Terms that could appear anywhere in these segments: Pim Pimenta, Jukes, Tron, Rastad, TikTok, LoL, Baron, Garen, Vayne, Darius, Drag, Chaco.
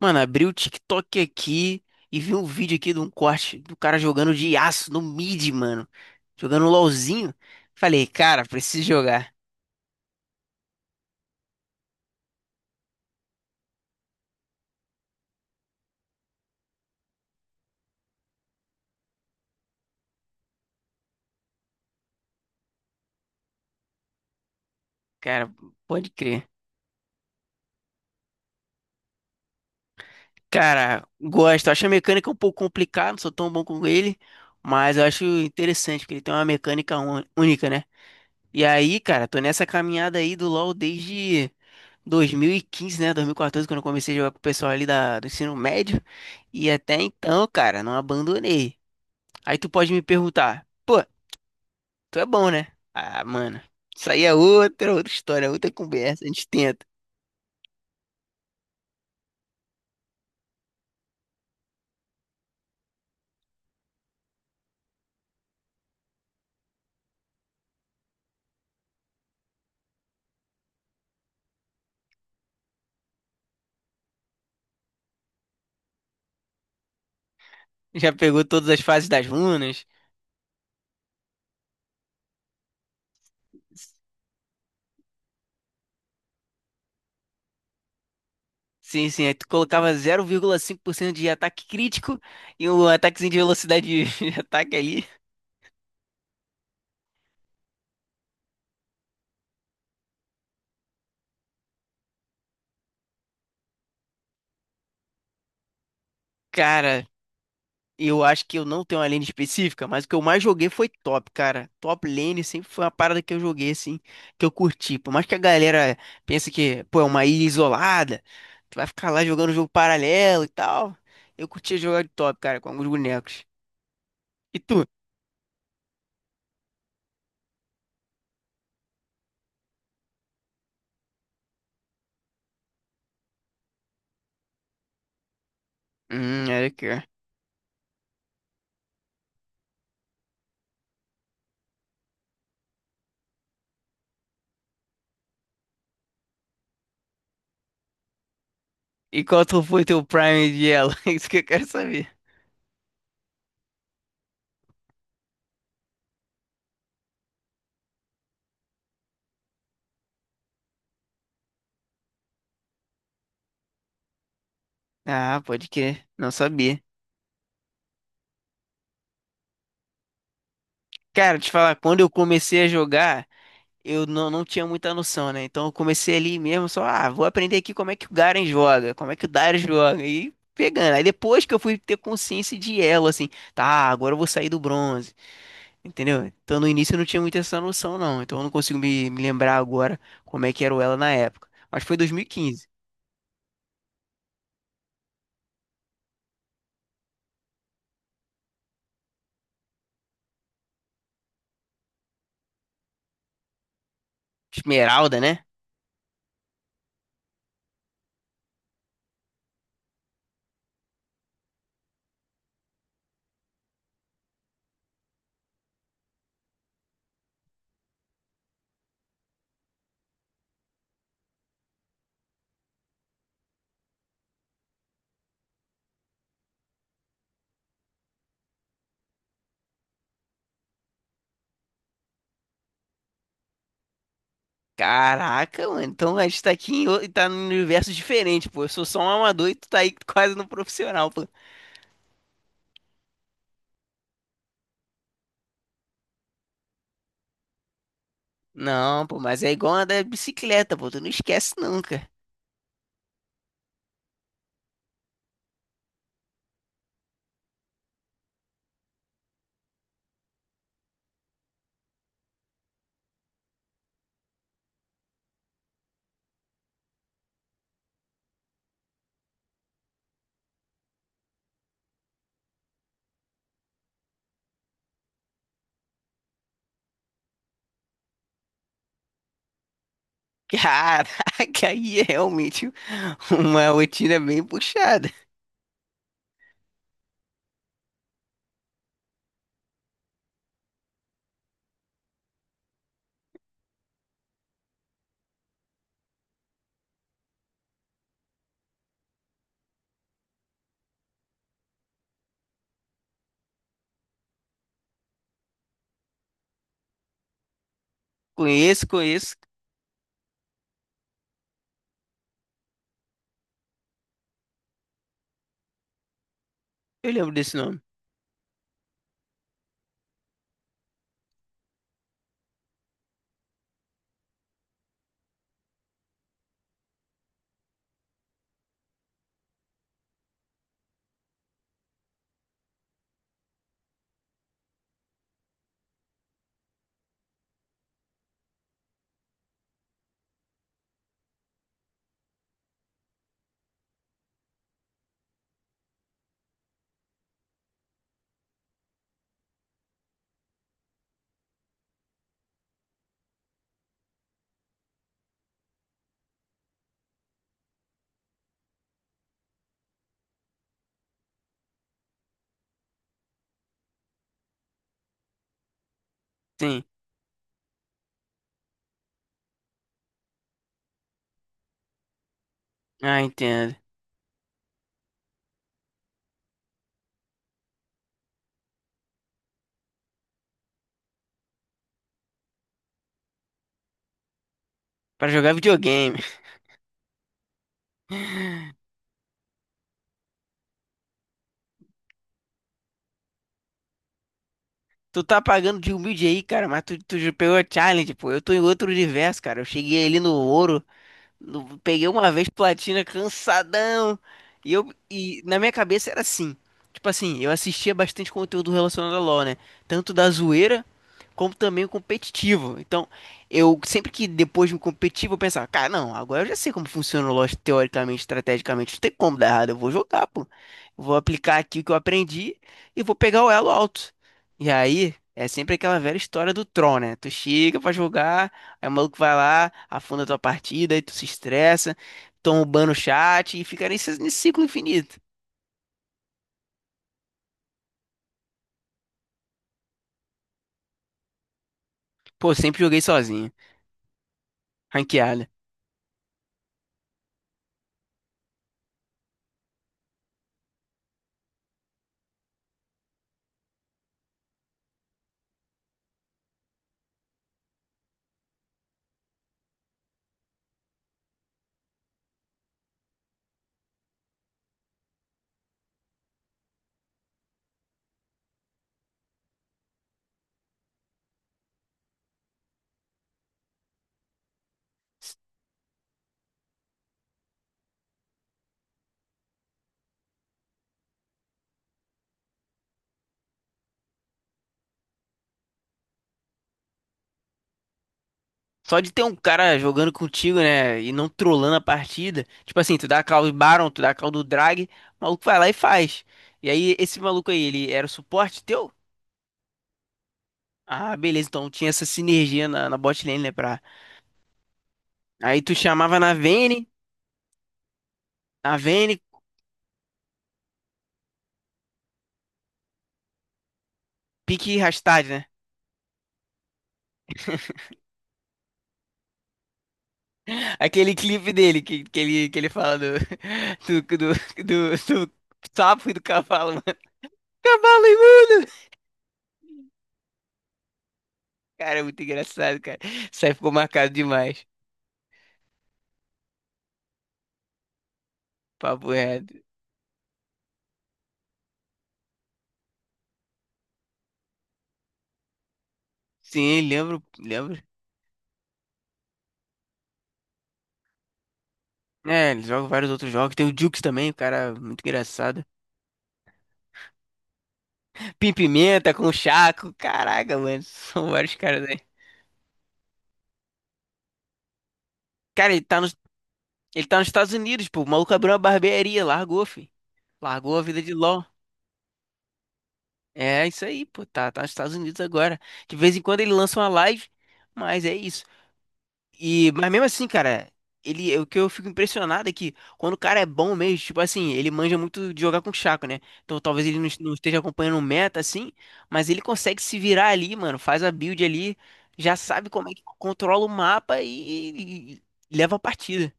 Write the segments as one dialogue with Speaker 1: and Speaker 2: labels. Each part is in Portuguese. Speaker 1: Mano, abri o TikTok aqui e vi um vídeo aqui de um corte do cara jogando de aço no mid, mano. Jogando um LOLzinho. Falei, cara, preciso jogar. Cara, pode crer. Cara, gosto. Acho a mecânica um pouco complicada, não sou tão bom com ele. Mas eu acho interessante, porque ele tem uma mecânica única, né? E aí, cara, tô nessa caminhada aí do LoL desde 2015, né? 2014, quando eu comecei a jogar com o pessoal ali do ensino médio. E até então, cara, não abandonei. Aí tu pode me perguntar, pô, tu é bom, né? Ah, mano, isso aí é outra, outra história, outra conversa, a gente tenta. Já pegou todas as fases das runas? Sim, sim, aí tu colocava 0,5% de ataque crítico e um ataquezinho de velocidade de de ataque ali. Cara, eu acho que eu não tenho uma lane específica, mas o que eu mais joguei foi top, cara. Top lane sempre foi uma parada que eu joguei, assim, que eu curti. Por mais que a galera pense que, pô, é uma ilha isolada, tu vai ficar lá jogando jogo paralelo e tal. Eu curtia jogar de top, cara, com alguns bonecos. E tu? Era que. É. E qual tu foi teu prime de elo? Isso que eu quero saber. Ah, pode crer. Não sabia. Cara, te falar, quando eu comecei a jogar. Eu não, não tinha muita noção, né? Então eu comecei ali mesmo, só, ah, vou aprender aqui como é que o Garen joga, como é que o Darius joga, e pegando. Aí depois que eu fui ter consciência de elo, assim, tá, agora eu vou sair do bronze, entendeu? Então no início eu não tinha muito essa noção, não. Então eu não consigo me lembrar agora como é que era o elo na época. Mas foi 2015. Esmeralda, né? Caraca, mano, então a gente tá aqui em, tá num universo diferente, pô. Eu sou só um amador e tu tá aí quase no profissional, pô. Não, pô, mas é igual a da bicicleta, pô, tu não esquece nunca. Caraca, aí é realmente uma rotina bem puxada. Conheço, conheço, eu lembro desse nome. Sim, ah, entendo. Pra jogar videogame. Tu tá pagando de humilde aí, cara, mas tu já pegou a challenge, pô. Eu tô em outro universo, cara. Eu cheguei ali no ouro, eu peguei uma vez platina cansadão. E eu e na minha cabeça era assim. Tipo assim, eu assistia bastante conteúdo relacionado a LoL, né? Tanto da zoeira como também o competitivo. Então, eu sempre que depois do competitivo eu pensava, cara, não, agora eu já sei como funciona o LoL teoricamente, estrategicamente, não tem como dar errado, eu vou jogar, pô. Eu vou aplicar aqui o que eu aprendi e vou pegar o elo alto. E aí, é sempre aquela velha história do Tron, né? Tu chega pra jogar. Aí o maluco vai lá, afunda a tua partida, aí tu se estressa, toma o ban no chat e fica nesse ciclo infinito. Pô, sempre joguei sozinho, ranqueada. Só de ter um cara jogando contigo, né, e não trollando a partida. Tipo assim, tu dá a call do Baron, tu dá a call do Drag, o maluco vai lá e faz. E aí, esse maluco aí, ele era o suporte teu? Ah, beleza, então tinha essa sinergia na bot lane, né, pra... Aí tu chamava na Vayne, a Vayne, pique Rastad, né? Aquele clipe dele que ele fala do sapo e do cavalo, mano. Cavalo imundo! Cara, é muito engraçado, cara. Isso aí ficou marcado demais. Papo reto. Sim, lembro, lembro. É, ele joga vários outros jogos. Tem o Jukes também, o cara muito engraçado. Pim Pimenta com o Chaco. Caraca, mano. São vários caras aí. Cara, ele tá nos Estados Unidos, pô. O maluco abriu uma barbearia, largou, fi. Largou a vida de LOL. É isso aí, pô. Tá, tá nos Estados Unidos agora. De vez em quando ele lança uma live, mas é isso. E, mas mesmo assim, cara, ele, é o que eu fico impressionado é que quando o cara é bom mesmo, tipo assim, ele manja muito de jogar com o Chaco, né? Então talvez ele não, não esteja acompanhando o meta, assim, mas ele consegue se virar ali, mano. Faz a build ali, já sabe como é que controla o mapa e, e e leva a partida.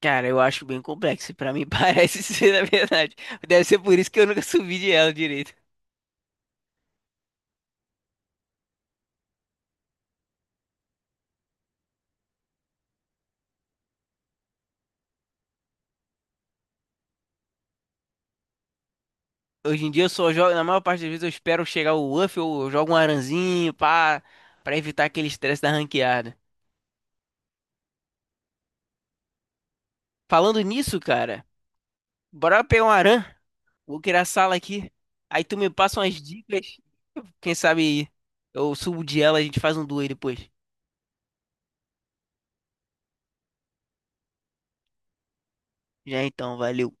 Speaker 1: Cara, eu acho bem complexo. Pra mim parece ser, na verdade. Deve ser por isso que eu nunca subi de ela direito. Hoje em dia eu só jogo, na maior parte das vezes eu espero chegar o Uff, eu jogo um aranzinho, pá, pra evitar aquele estresse da ranqueada. Falando nisso, cara, bora pegar um aran, vou criar a sala aqui. Aí tu me passa umas dicas, quem sabe eu subo de ela, a gente faz um duo aí depois. Já então, valeu.